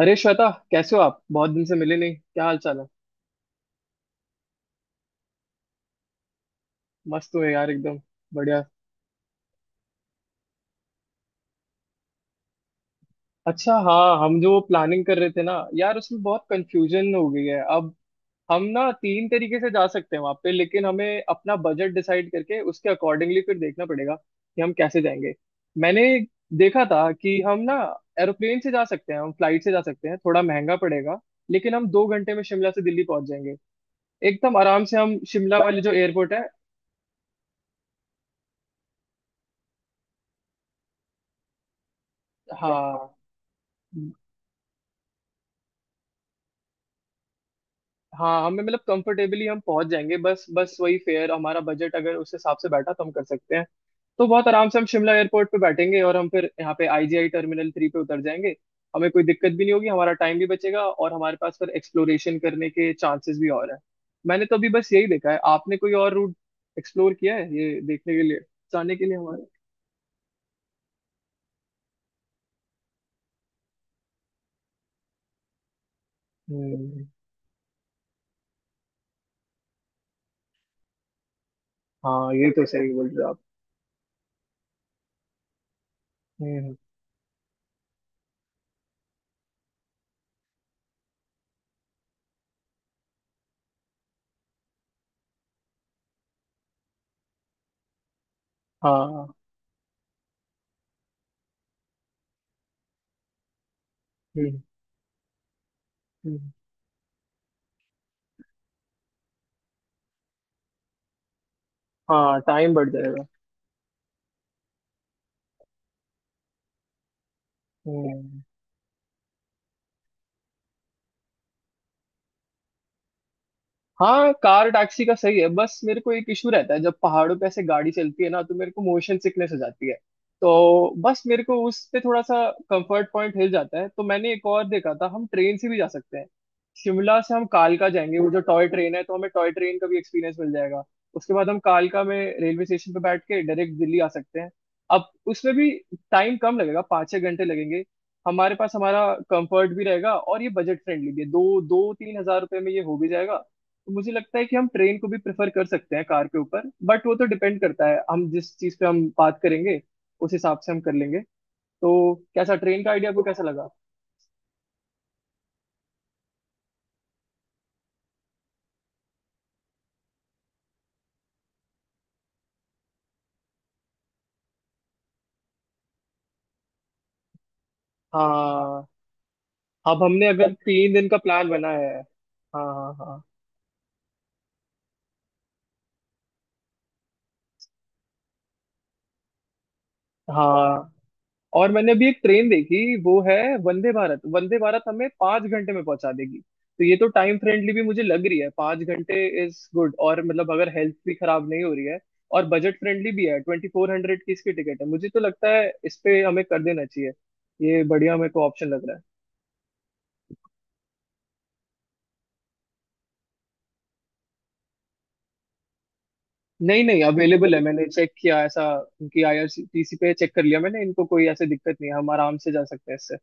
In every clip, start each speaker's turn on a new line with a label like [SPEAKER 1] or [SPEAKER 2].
[SPEAKER 1] अरे श्वेता, कैसे हो आप? बहुत दिन से मिले नहीं। क्या हाल चाल है? मस्त हो यार एकदम। बढ़िया। अच्छा, हाँ हम जो प्लानिंग कर रहे थे ना यार, उसमें बहुत कंफ्यूजन हो गई है अब। हम ना 3 तरीके से जा सकते हैं वहां पे, लेकिन हमें अपना बजट डिसाइड करके उसके अकॉर्डिंगली फिर देखना पड़ेगा कि हम कैसे जाएंगे। मैंने देखा था कि हम ना एरोप्लेन से जा सकते हैं, हम फ्लाइट से जा सकते हैं। थोड़ा महंगा पड़ेगा, लेकिन हम 2 घंटे में शिमला से दिल्ली पहुंच जाएंगे एकदम आराम से। हम शिमला वाले जो एयरपोर्ट है। हाँ। हाँ, हमें मतलब कंफर्टेबली हम पहुंच जाएंगे। बस बस वही फेयर, हमारा बजट अगर उस हिसाब से बैठा तो हम कर सकते हैं। तो बहुत आराम से हम शिमला एयरपोर्ट पे बैठेंगे और हम फिर यहाँ पे आईजीआई टर्मिनल 3 पे उतर जाएंगे। हमें कोई दिक्कत भी नहीं होगी, हमारा टाइम भी बचेगा और हमारे पास फिर एक्सप्लोरेशन करने के चांसेस भी और है। मैंने तो अभी बस यही देखा है। आपने कोई और रूट एक्सप्लोर किया है ये देखने के लिए, जाने के लिए हमारे? हम्म। हाँ, ये तो सही बोल रहे हो आप। हम्म। हाँ। हम्म। हम्म। हाँ टाइम बढ़ जाएगा। हम्म। हाँ, कार टैक्सी का सही है, बस मेरे को एक इशू रहता है। जब पहाड़ों पे ऐसे गाड़ी चलती है ना, तो मेरे को मोशन सिकनेस हो जाती है। तो बस मेरे को उस पे थोड़ा सा कंफर्ट पॉइंट हिल जाता है। तो मैंने एक और देखा था, हम ट्रेन से भी जा सकते हैं। शिमला से हम कालका जाएंगे, वो जो टॉय ट्रेन है, तो हमें टॉय ट्रेन का भी एक्सपीरियंस मिल जाएगा। उसके बाद हम कालका में रेलवे स्टेशन पे बैठ के डायरेक्ट दिल्ली आ सकते हैं। अब उसमें भी टाइम कम लगेगा, 5-6 घंटे लगेंगे। हमारे पास हमारा कंफर्ट भी रहेगा और ये बजट फ्रेंडली भी है। दो दो तीन हजार रुपये में ये हो भी जाएगा। तो मुझे लगता है कि हम ट्रेन को भी प्रेफर कर सकते हैं कार के ऊपर। बट वो तो डिपेंड करता है, हम जिस चीज़ पे हम बात करेंगे उस हिसाब से हम कर लेंगे। तो कैसा ट्रेन का आइडिया आपको कैसा लगा? हाँ। अब हमने अगर 3 दिन का प्लान बना है। हाँ। हाँ। हाँ। हाँ। और मैंने अभी एक ट्रेन देखी, वो है वंदे भारत। वंदे भारत हमें 5 घंटे में पहुंचा देगी, तो ये तो टाइम फ्रेंडली भी मुझे लग रही है। 5 घंटे इज गुड। और मतलब अगर हेल्थ भी खराब नहीं हो रही है और बजट फ्रेंडली भी है, 2400 की इसकी टिकट है। मुझे तो लगता है इस पे हमें कर देना चाहिए। ये बढ़िया मेरे को ऑप्शन लग रहा है। नहीं नहीं, अवेलेबल है, मैंने चेक किया ऐसा। उनकी आईआरसीटीसी पे चेक कर लिया मैंने, इनको कोई ऐसी दिक्कत नहीं है, हम आराम से जा सकते हैं।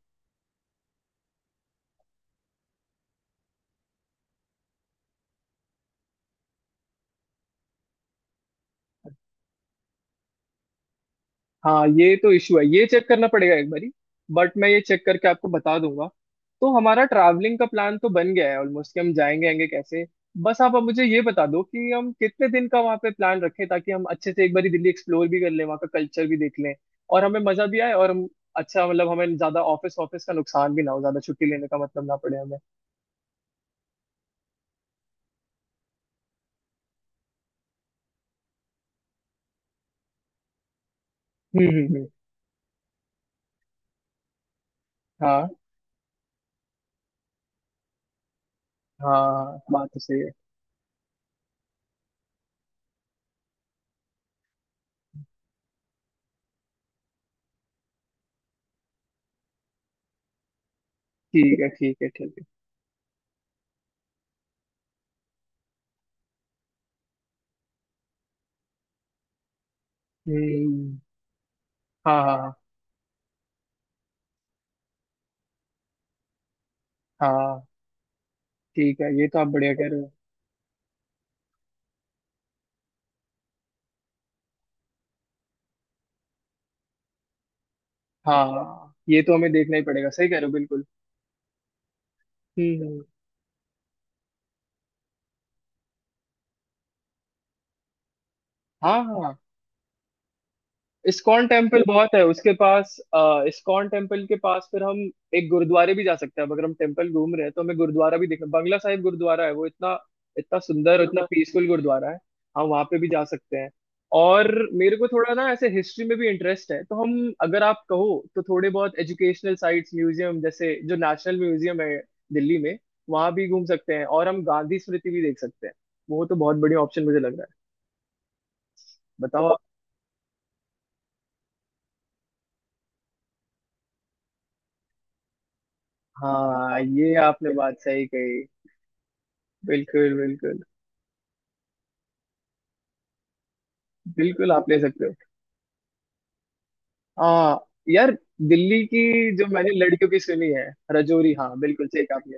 [SPEAKER 1] हाँ ये तो इशू है, ये चेक करना पड़ेगा एक बारी, बट मैं ये चेक करके आपको बता दूंगा। तो हमारा ट्रैवलिंग का प्लान तो बन गया है ऑलमोस्ट, कि हम जाएंगे आएंगे कैसे। बस आप अब मुझे ये बता दो कि हम कितने दिन का वहाँ पे प्लान रखें, ताकि हम अच्छे से एक बारी दिल्ली एक्सप्लोर भी कर लें, वहाँ का कल्चर भी देख लें, और हमें मजा भी आए, और हम अच्छा मतलब, हमें ज्यादा ऑफिस ऑफिस का नुकसान भी ना हो, ज्यादा छुट्टी लेने का मतलब ना पड़े हमें। हम्म। हम्म। हम्म। हाँ, हाँ बात तो सही है। ठीक है ठीक है ठीक है। हम्म। हाँ। हाँ। हाँ। हाँ। ठीक है, ये तो आप बढ़िया कह रहे हो। हाँ, ये तो हमें देखना ही पड़ेगा, सही कह रहे हो बिल्कुल। हम्म। हम्म। हाँ। हाँ, इस्कॉन टेम्पल बहुत है, उसके पास, इस्कॉन टेम्पल के पास फिर हम एक गुरुद्वारे भी जा सकते हैं। अब अगर हम टेम्पल घूम रहे हैं तो हमें गुरुद्वारा भी देखना। बंगला साहिब गुरुद्वारा है, वो इतना इतना सुंदर और इतना पीसफुल गुरुद्वारा है। हम वहाँ पे भी जा सकते हैं। और मेरे को थोड़ा ना ऐसे हिस्ट्री में भी इंटरेस्ट है, तो हम, अगर आप कहो तो थोड़े बहुत एजुकेशनल साइट्स, म्यूजियम, जैसे जो नेशनल म्यूजियम है दिल्ली में वहाँ भी घूम सकते हैं। और हम गांधी स्मृति भी देख सकते हैं। वो तो बहुत बढ़िया ऑप्शन मुझे लग रहा है। बताओ आप। हाँ, ये आपने बात सही कही। बिल्कुल बिल्कुल। बिल्कुल, आप ले सकते हो। आ, यार दिल्ली की जो मैंने लड़कियों की सुनी है, रजौरी, हाँ बिल्कुल सही कहा आपने।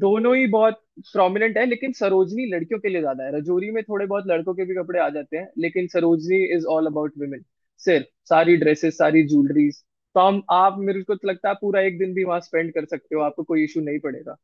[SPEAKER 1] दोनों ही बहुत प्रोमिनेंट है, लेकिन सरोजनी लड़कियों के लिए ज्यादा है। रजौरी में थोड़े बहुत लड़कों के भी कपड़े आ जाते हैं, लेकिन Sarojini is all about women। सिर्फ सारी ड्रेसेस, सारी ज्वेलरीज। तो हम, आप, मेरे को तो लगता है पूरा एक दिन भी वहां स्पेंड कर सकते हो, आपको कोई इशू नहीं पड़ेगा।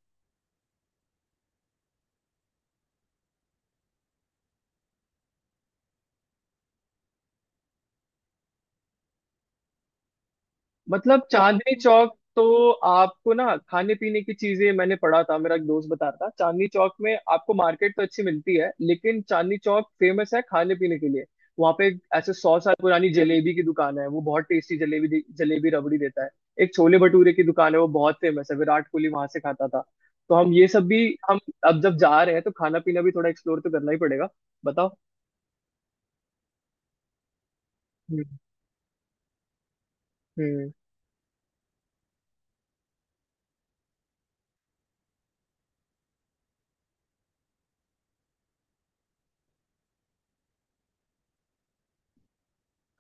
[SPEAKER 1] मतलब चांदनी चौक तो आपको ना खाने पीने की चीजें, मैंने पढ़ा था, मेरा एक दोस्त बता रहा था, चांदनी चौक में आपको मार्केट तो अच्छी मिलती है, लेकिन चांदनी चौक फेमस है खाने पीने के लिए। वहाँ पे एक ऐसे 100 साल पुरानी जलेबी की दुकान है, वो बहुत टेस्टी जलेबी रबड़ी देता है। एक छोले भटूरे की दुकान है, वो बहुत फेमस है, विराट कोहली वहां से खाता था। तो हम ये सब भी, हम, अब जब जा रहे हैं तो खाना पीना भी थोड़ा एक्सप्लोर तो करना ही पड़ेगा। बताओ। हम्म। हम्म।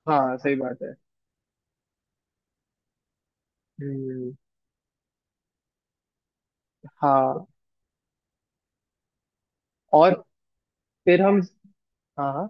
[SPEAKER 1] हाँ सही बात है। हम्म। हाँ। और फिर हम। हाँ।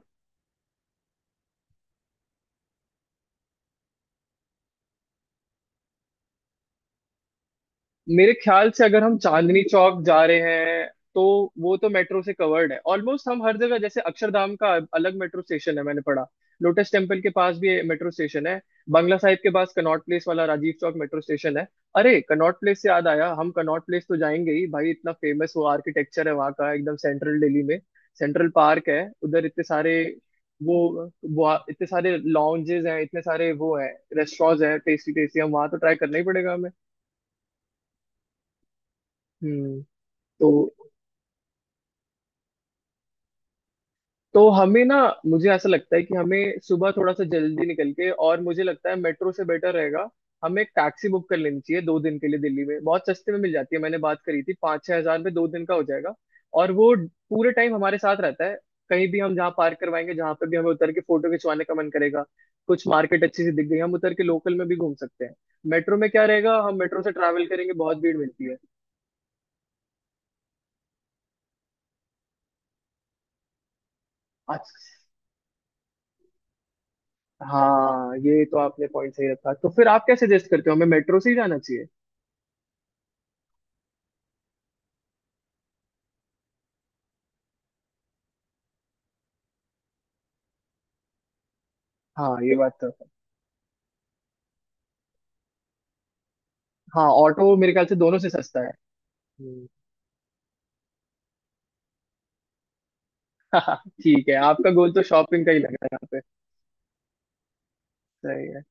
[SPEAKER 1] मेरे ख्याल से अगर हम चांदनी चौक जा रहे हैं तो वो तो मेट्रो से कवर्ड है ऑलमोस्ट। हम हर जगह, जैसे अक्षरधाम का अलग मेट्रो स्टेशन है, मैंने पढ़ा। लोटस टेम्पल के पास भी मेट्रो स्टेशन है। बंगला साहिब के पास कनॉट प्लेस वाला राजीव चौक मेट्रो स्टेशन है। अरे, कनॉट प्लेस से याद आया, हम कनॉट प्लेस तो जाएंगे ही भाई, इतना फेमस वो आर्किटेक्चर है वहाँ का, एकदम सेंट्रल दिल्ली में। सेंट्रल पार्क है उधर, इतने सारे, वो इतने सारे लॉन्जेस हैं, इतने सारे वो हैं, रेस्टोरेंट्स हैं टेस्टी टेस्टी, हम वहाँ तो ट्राई करना ही पड़ेगा हमें। तो तो हमें ना, मुझे ऐसा लगता है कि हमें सुबह थोड़ा सा जल्दी निकल के, और मुझे लगता है मेट्रो से बेटर रहेगा हमें एक टैक्सी बुक कर लेनी चाहिए 2 दिन के लिए। दिल्ली में बहुत सस्ते में मिल जाती है, मैंने बात करी थी, 5-6 हजार में 2 दिन का हो जाएगा। और वो पूरे टाइम हमारे साथ रहता है, कहीं भी, हम जहाँ पार्क करवाएंगे, जहाँ पे भी हमें उतर के फोटो खिंचवाने का मन करेगा, कुछ मार्केट अच्छी सी दिख गई, हम उतर के लोकल में भी घूम सकते हैं। मेट्रो में क्या रहेगा, हम मेट्रो से ट्रैवल करेंगे, बहुत भीड़ मिलती है। हाँ, ये तो आपने पॉइंट सही रखा। तो फिर आप क्या सजेस्ट करते हो, हमें मेट्रो से ही जाना चाहिए? हाँ ये बात तो है। हाँ, ऑटो मेरे ख्याल से दोनों से सस्ता है। हम्म। ठीक है, आपका गोल तो शॉपिंग का ही लग रहा है यहाँ पे। सही है।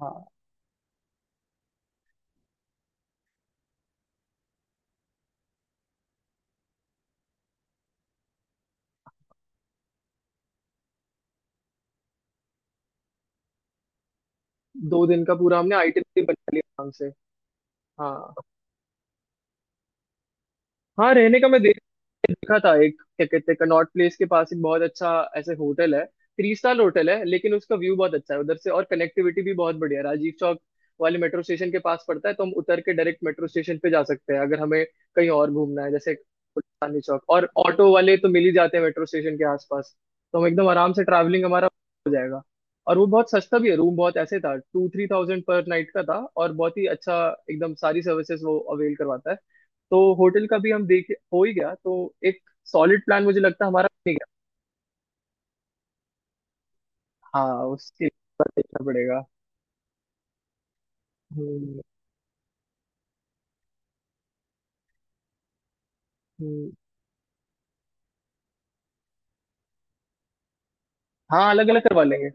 [SPEAKER 1] हाँ, दो दिन का पूरा हमने आइटनरी बना लिया आराम से। हाँ। हाँ रहने का मैं देख, देखा था एक, क्या कहते हैं, कनॉट प्लेस के पास एक बहुत अच्छा ऐसे होटल है, 3 स्टार होटल है, लेकिन उसका व्यू बहुत अच्छा है उधर से, और कनेक्टिविटी भी बहुत बढ़िया है। राजीव चौक वाले मेट्रो स्टेशन के पास पड़ता है, तो हम उतर के डायरेक्ट मेट्रो स्टेशन पे जा सकते हैं अगर हमें कहीं और घूमना है, जैसे चांदनी चौक। और ऑटो वाले तो मिल ही जाते हैं मेट्रो स्टेशन के आसपास, तो हम एकदम आराम से ट्रैवलिंग हमारा हो जाएगा। और वो बहुत सस्ता भी है, रूम बहुत ऐसे था, 2-3 thousand पर नाइट का था, और बहुत ही अच्छा एकदम, सारी सर्विसेज वो अवेल करवाता है। तो होटल का भी हम देख हो ही गया, तो एक सॉलिड प्लान मुझे लगता है हमारा बन ही गया। हाँ, उससे करना पड़ेगा। हम्म। हम्म। हाँ, अलग अलग करवा लेंगे।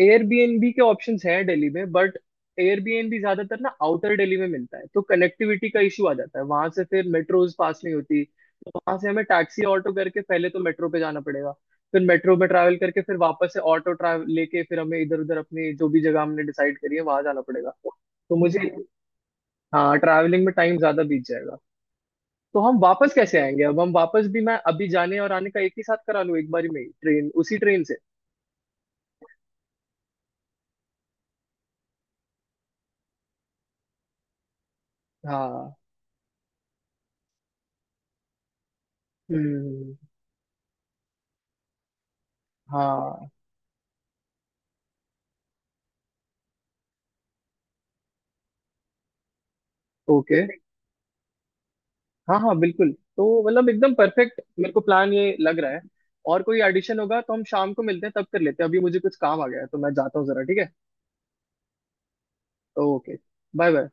[SPEAKER 1] एयरबीएनबी के ऑप्शंस हैं दिल्ली में, बट एयरबीएनबी ज्यादातर ना आउटर दिल्ली में मिलता है, तो कनेक्टिविटी का इशू आ जाता है। वहां से फिर मेट्रोज पास नहीं होती, तो वहां से हमें टैक्सी ऑटो करके पहले तो मेट्रो पे जाना पड़ेगा, फिर मेट्रो में ट्रैवल करके, फिर वापस से ऑटो ट्रैवल लेके, फिर हमें इधर उधर अपनी जो भी जगह हमने डिसाइड करी है वहां जाना पड़ेगा। तो मुझे, हाँ ट्रैवलिंग में टाइम ज्यादा बीत जाएगा। तो हम वापस कैसे आएंगे? अब हम वापस भी, मैं अभी जाने और आने का एक ही साथ करा लूँ एक बारी में, ट्रेन, उसी ट्रेन से। हाँ। हम्म। हाँ। ओके। हाँ हाँ बिल्कुल। तो मतलब एकदम परफेक्ट मेरे को प्लान ये लग रहा है। और कोई एडिशन होगा तो हम शाम को मिलते हैं, तब कर लेते हैं। अभी मुझे कुछ काम आ गया है, तो मैं जाता हूँ जरा, ठीक है? ओके। Bye bye.